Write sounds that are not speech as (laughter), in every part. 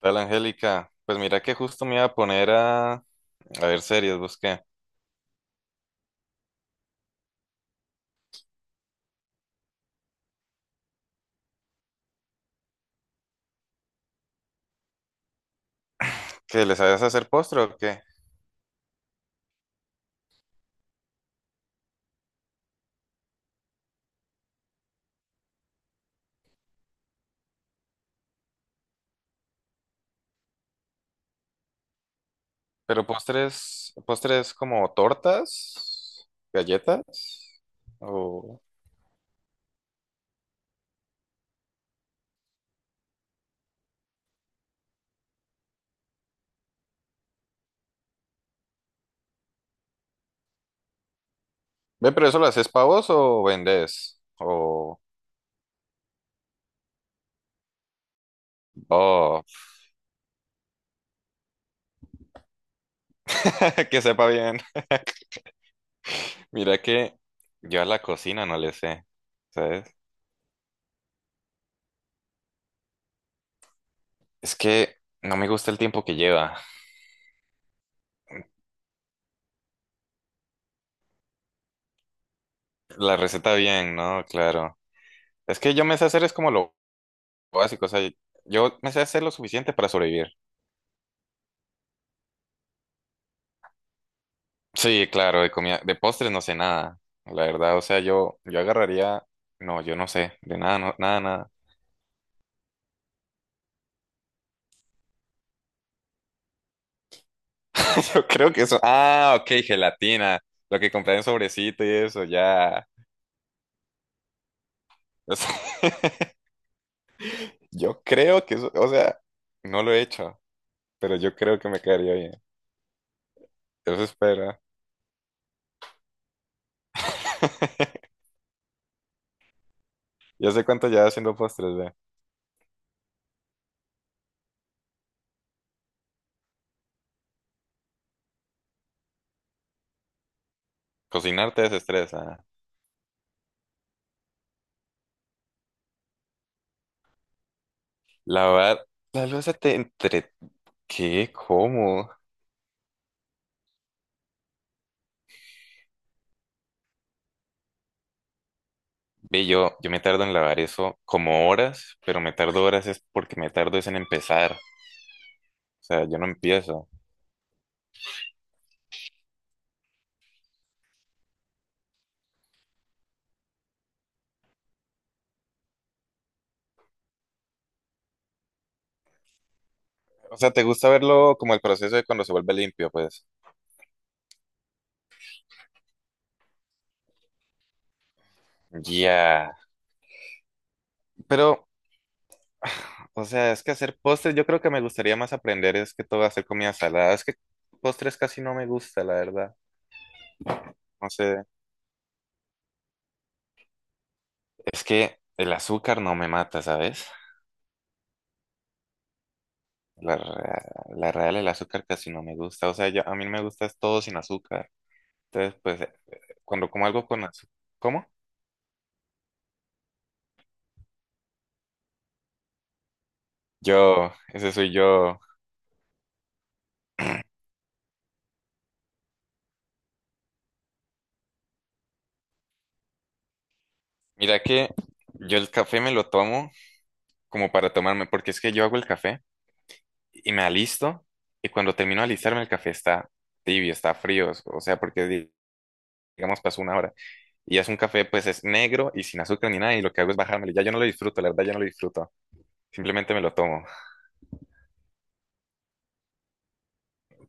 Tal, Angélica. Pues mira que justo me iba a poner a ver series, busqué. ¿Qué les sabes hacer postre o qué? Pero postres, postres como tortas, galletas, o... Ve, pero eso lo haces pavos o vendes, o... Oh, (laughs) que sepa bien. Mira que yo a la cocina no le sé, ¿sabes? Es que no me gusta el tiempo que lleva. La receta bien, ¿no? Claro. Es que yo me sé hacer es como lo básico, o sea, yo me sé hacer lo suficiente para sobrevivir. Sí, claro, de comida, de postres no sé nada, la verdad, o sea, yo agarraría, no, yo no sé, de nada, nada, nada. (laughs) Yo creo que eso, ah, ok, gelatina, lo que compré en sobrecito y eso, ya. O sea, (laughs) yo creo que eso, o sea, no lo he hecho, pero yo creo que me quedaría bien. Eso espero. (laughs) Yo sé cuánto llevas haciendo postres, ve. Cocinar te desestresa. Lavar la loza te entre... ¿Qué? ¿Cómo? Ve, yo me tardo en lavar eso como horas, pero me tardo horas es porque me tardo es en empezar. O sea, yo no empiezo. O sea, ¿te gusta verlo como el proceso de cuando se vuelve limpio, pues? Ya. Pero, o sea, es que hacer postres, yo creo que me gustaría más aprender es que todo hacer comida salada. Es que postres casi no me gusta, la verdad. No sé. Es que el azúcar no me mata, ¿sabes? La, rea- la real, el azúcar casi no me gusta. O sea, yo, a mí me gusta es todo sin azúcar. Entonces, pues, cuando como algo con azúcar. ¿Cómo? Yo, ese soy yo. Mira que yo el café me lo tomo como para tomarme, porque es que yo hago el café y me alisto y cuando termino de alistarme el café está tibio, está frío, o sea, porque digamos pasó una hora y es un café, pues es negro y sin azúcar ni nada, y lo que hago es bajármelo. Ya yo no lo disfruto, la verdad ya no lo disfruto. Simplemente me lo tomo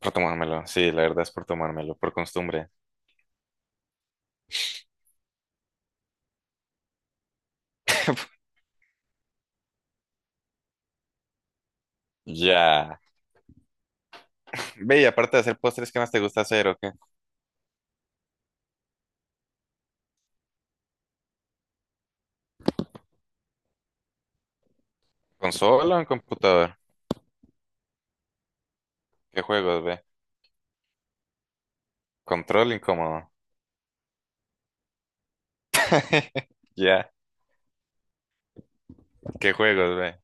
por tomármelo. Sí, la verdad es por tomármelo, por costumbre. (laughs) Ya. Ve, y aparte de hacer postres, ¿qué más te gusta hacer o qué? ¿Consola o en computador? ¿Qué juegos, ve? Control incómodo. (laughs) Ya. ¿Qué juegos, ve?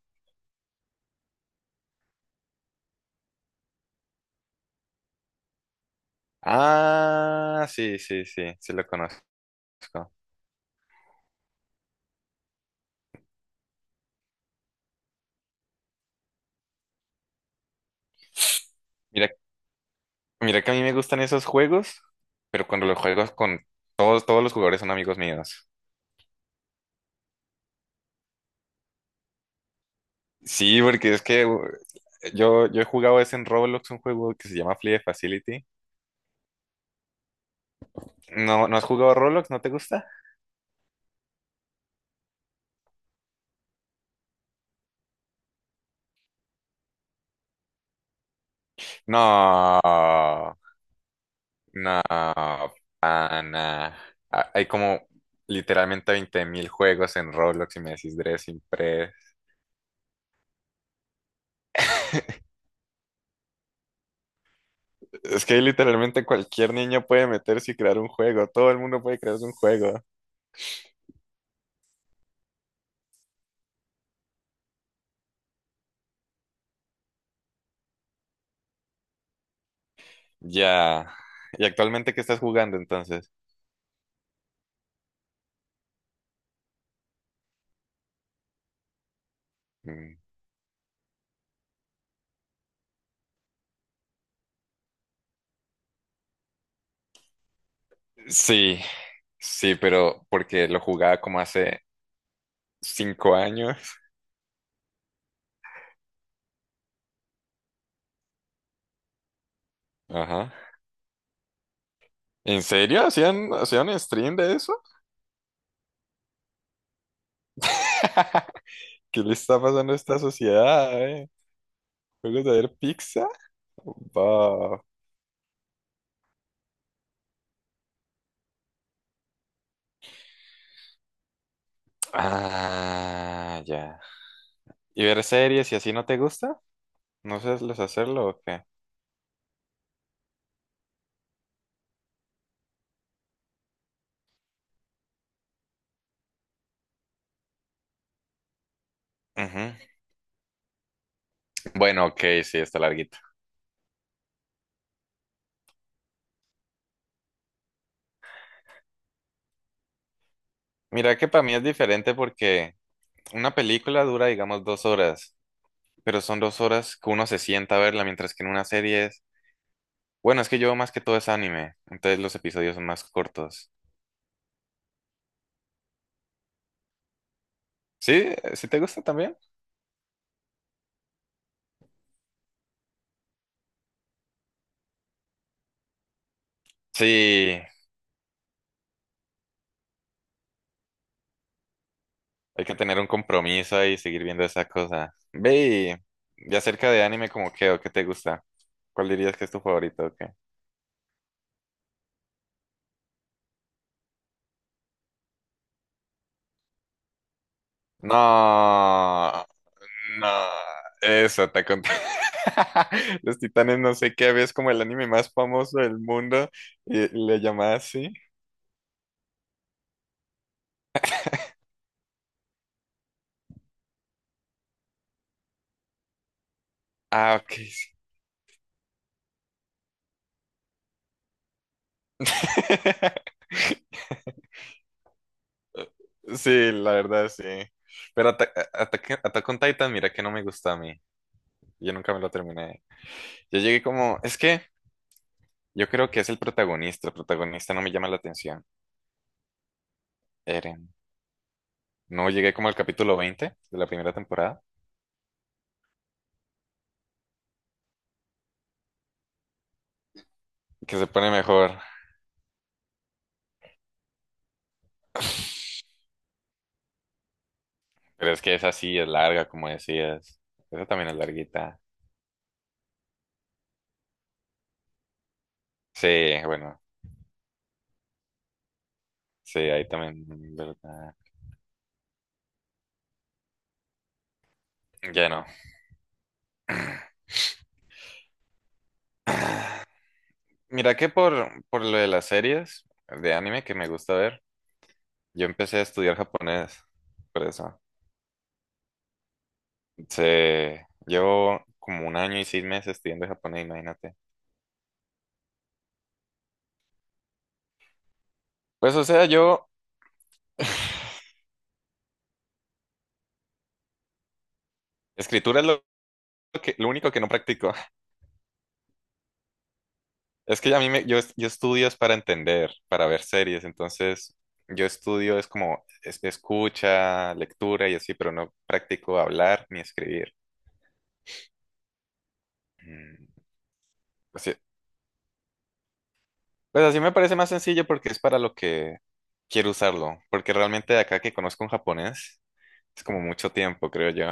Ah, sí, sí, sí, sí lo conozco. Mira, mira que a mí me gustan esos juegos, pero cuando los juegos con todos los jugadores son amigos míos. Sí, porque es que yo he jugado ese en Roblox, un juego que se llama Flee Facility. ¿No, no has jugado Roblox? ¿No te gusta? No, no, pana. Ah, hay como literalmente 20.000 juegos en Roblox y me decís Dressing Pre. Es que ahí literalmente cualquier niño puede meterse y crear un juego. Todo el mundo puede crearse un juego. Ya. ¿Y actualmente qué estás jugando entonces? Mm. Sí, sí, pero porque lo jugaba como hace 5 años. Ajá. ¿En serio? ¿Hacían stream de eso? (laughs) ¿Qué le está pasando a esta sociedad, eh? ¿Juegos de ver pizza? Va. Ah, ya. ¿Y ver series y así no te gusta? ¿No sabes hacerlo o qué? Bueno, ok, sí, está larguita. Mira que para mí es diferente porque una película dura, digamos, 2 horas, pero son 2 horas que uno se sienta a verla, mientras que en una serie es... Bueno, es que yo más que todo es anime, entonces los episodios son más cortos. ¿Sí? ¿Sí te gusta también? Sí, hay que tener un compromiso ahí y seguir viendo esa cosa. Ve, y acerca de anime, ¿como qué o qué te gusta? ¿Cuál dirías que es tu favorito o qué? No, no, eso, te (laughs) los Titanes, no sé qué, es como el anime más famoso del mundo, y le llamaba así. Ah, ok, sí. (laughs) Sí, la verdad, sí. Pero Ata- A- Ataque- Attack on Titan, mira que no me gusta a mí. Yo nunca me lo terminé. Yo llegué como, es que yo creo que es el protagonista. El protagonista no me llama la atención. Eren. No llegué como al capítulo 20 de la primera temporada, que se pone mejor. Pero es que esa sí es larga, como decías. Esa también es larguita. Sí, bueno, sí, ahí también, ¿verdad? Ya no. (sighs) Mira que por, lo de las series de anime que me gusta ver, yo empecé a estudiar japonés, por eso. Llevo como 1 año y 6 meses estudiando japonés, imagínate. Pues o sea, yo, escritura es lo que, lo único que no practico. (laughs) Es que a mí yo estudio es para entender, para ver series, entonces yo estudio es como escucha, lectura y así, pero no practico hablar ni escribir. Mm, o sea, pues así me parece más sencillo porque es para lo que quiero usarlo, porque realmente de acá que conozco un japonés es como mucho tiempo, creo yo.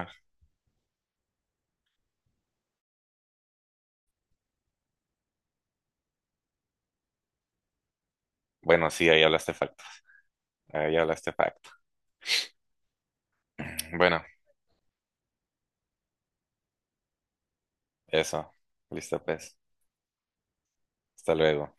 Bueno, sí, ahí hablaste facto, ahí hablaste facto. (clears throat) Bueno, eso, listo pues, hasta luego.